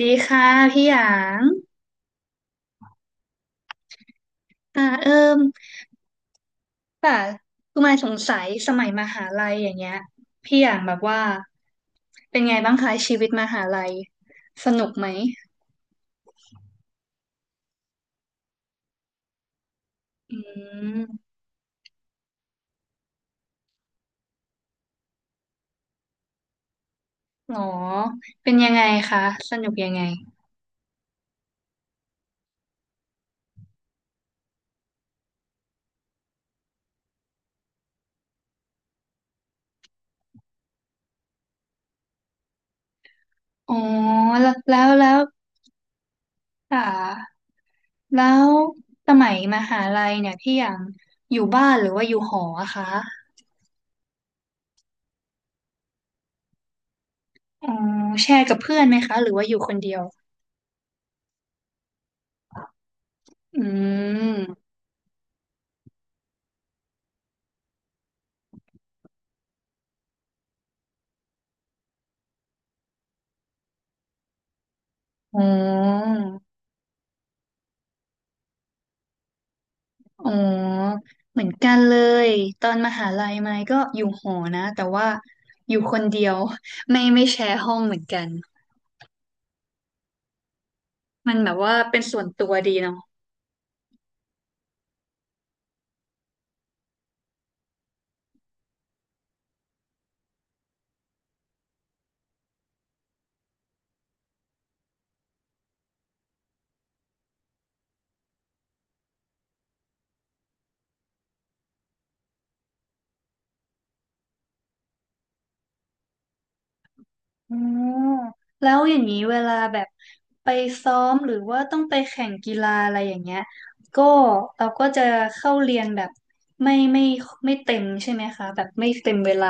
ดีค่ะพี่หยางอ่าเอิ่มป่ะคือมายสงสัยสมัยมหาลัยอย่างเงี้ยพี่หยางแบบว่าเป็นไงบ้างคะชีวิตมหาลัยสนุกไหมอืมหรอเป็นยังไงคะสนุกยังไงอ๋อแล้วอ่าแล้วสมัยมหาลัยเนี่ยพี่หยางอยู่บ้านหรือว่าอยู่หออะคะอ๋อแชร์กับเพื่อนไหมคะหรือว่าอยู่คนเดียวอืมอ๋อ อ๋อเหมือนกันเลยตอนมหาลัยไม้ก็อยู่หอนะแต่ว่าอยู่คนเดียว ไม่แชร์ห้องเหมือนกันมันแบบว่าเป็นส่วนตัวดีเนาะอ๋อแล้วอย่างนี้เวลาแบบไปซ้อมหรือว่าต้องไปแข่งกีฬาอะไรอย่างเงี้ยก็เราก็จะเข้าเรียนแบบไม่ไม่ไม่เต็มใช่ไหมคะแบบไม่เต็มเวลา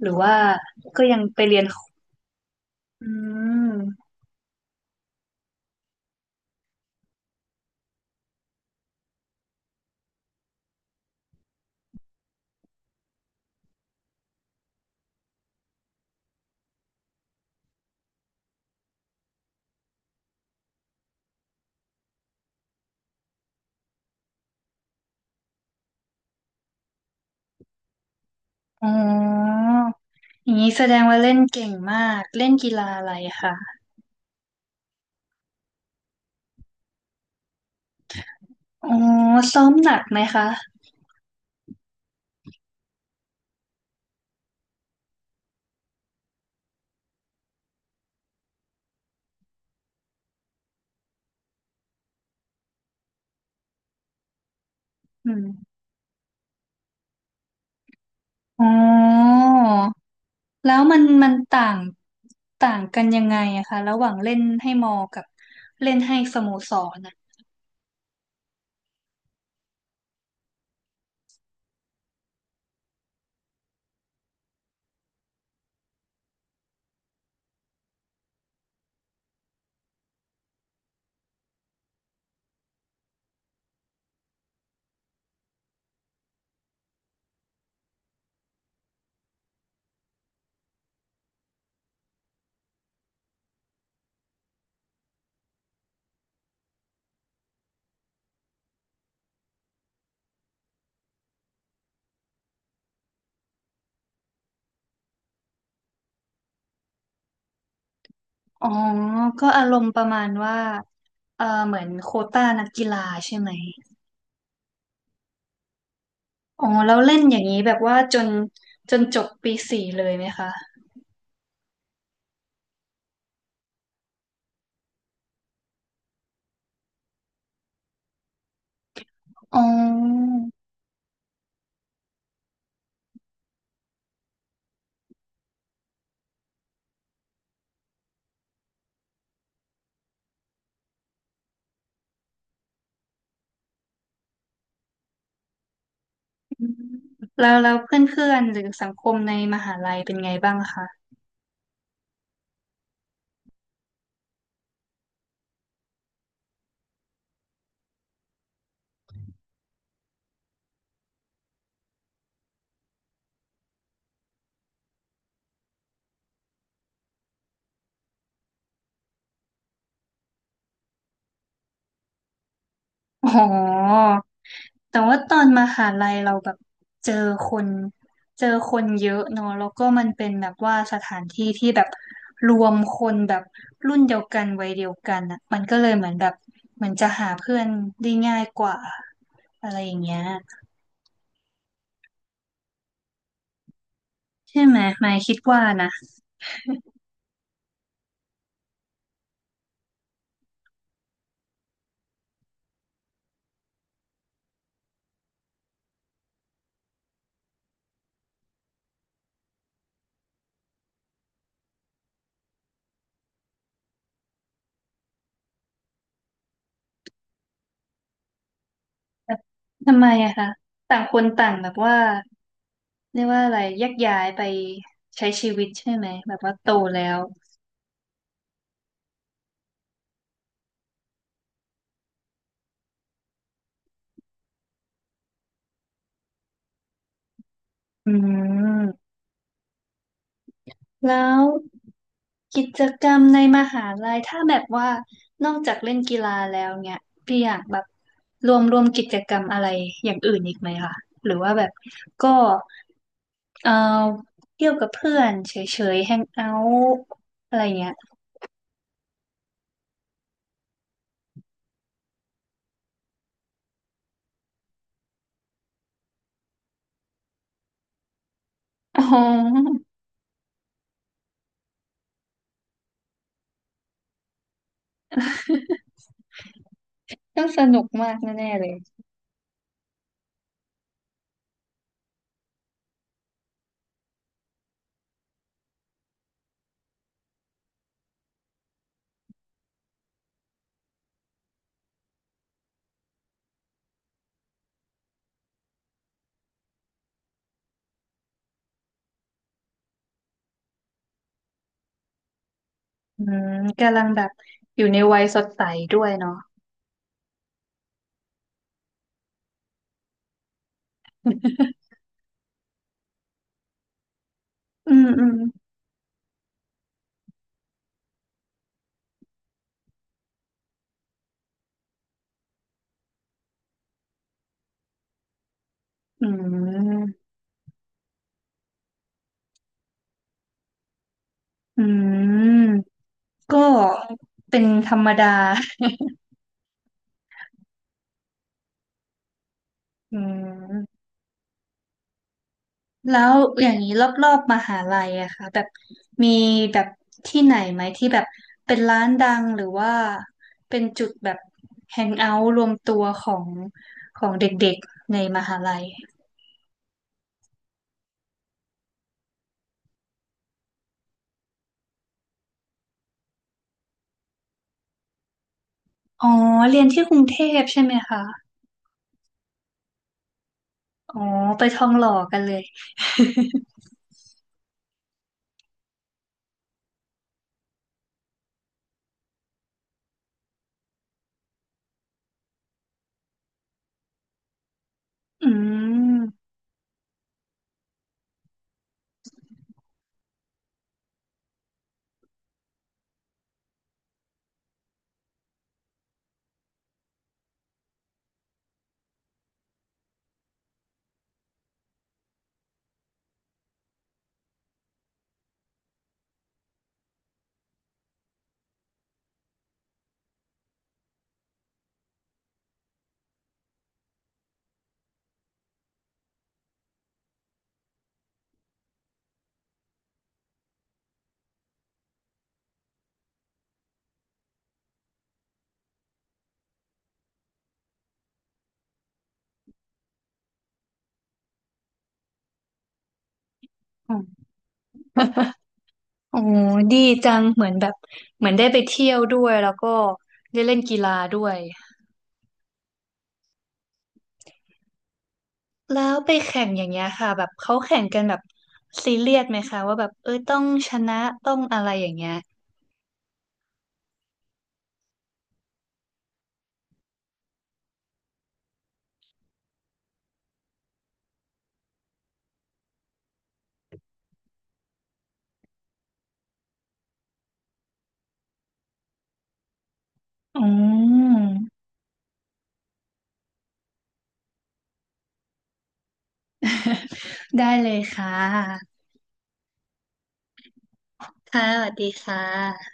หรือว่าก็ยังไปเรียนอืม อ๋ออย่างนี้แสดงว่าเล่นเก่งมาก เล่นกีฬาอะไรคะอ๋อซ้อมหนักไหมคะ อืมอ๋อแล้วมันต่างต่างกันยังไงอะคะ ระหว่างเล่นให้มอกับเล่นให้สโมสรอะอ๋อก็อารมณ์ประมาณว่าเออเหมือนโควต้านักกีฬาใช่ไหมอ๋อแล้วเล่นอย่างนี้แบบว่าจนจนจบปีสี่เลยไหมคะอ๋อ อืมแล้วแล้วเพื่อนๆหรือสังคมในมหาลัยเป็นไงบ้างคะอ๋อแต่ว่าตอนมหาลัยเราแบบเจอคนเจอคนเยอะเนอะแล้วก็มันเป็นแบบว่าสถานที่ที่แบบรวมคนแบบรุ่นเดียวกันวัยเดียวกันอ่ะมันก็เลยเหมือนแบบเหมือนจะหาเพื่อนได้ง่ายกว่าอะไรอย่างเงี้ยใช่ไหมหมายคิดว่านะ แบบทำไมอะคะต่างคนต่างแบบว่าเรียกว่าอะไรแยกย้ายไปใช้ชีวิตใช่ไหมแบบว่าโตแล้วอืมแล้วกิจกรรมในมหาลัยถ้าแบบว่านอกจากเล่นกีฬาแล้วเนี่ยพี่อยากแบบรวมกิจกรรมอะไรอย่างอื่นอีกไหมคะหรือว่าแบบก็เอ่อเที่ยวกับเพื่อนเฉยๆแฮงเอาท์อะไรเงี้ยอ๋อต้องสนุกมากแน่ๆเลย อืมกำลังแบบอยู่ในวัยสดใสด้วยเนาะอืมอืมอืมอืมก็เป็นธรรมดาอืมแล้วอย่างนี้รอบๆมหาลัยอะค่ะแบบมีแบบที่ไหนไหมที่แบบเป็นร้านดังหรือว่าเป็นจุดแบบแฮงเอาท์รวมตัวของของเด็กๆในมหาลัยอ๋อเรียนที่กรุงเทพใช่ไหมคะอ๋อไปทองหล่อกันเลยอืม โอ้ดีจังเหมือนแบบเหมือนได้ไปเที่ยวด้วย แล้วก็ได้เล่นกีฬาด้วย แล้วไปแข่งอย่างเงี้ยค่ะแบบเขาแข่งกันแบบซีเรียสไหมคะว่าแบบเอ้ยต้องชนะต้องอะไรอย่างเงี้ยอ๋อ ได้เลยค่ะ ค่ะ สวัสดีค่ะ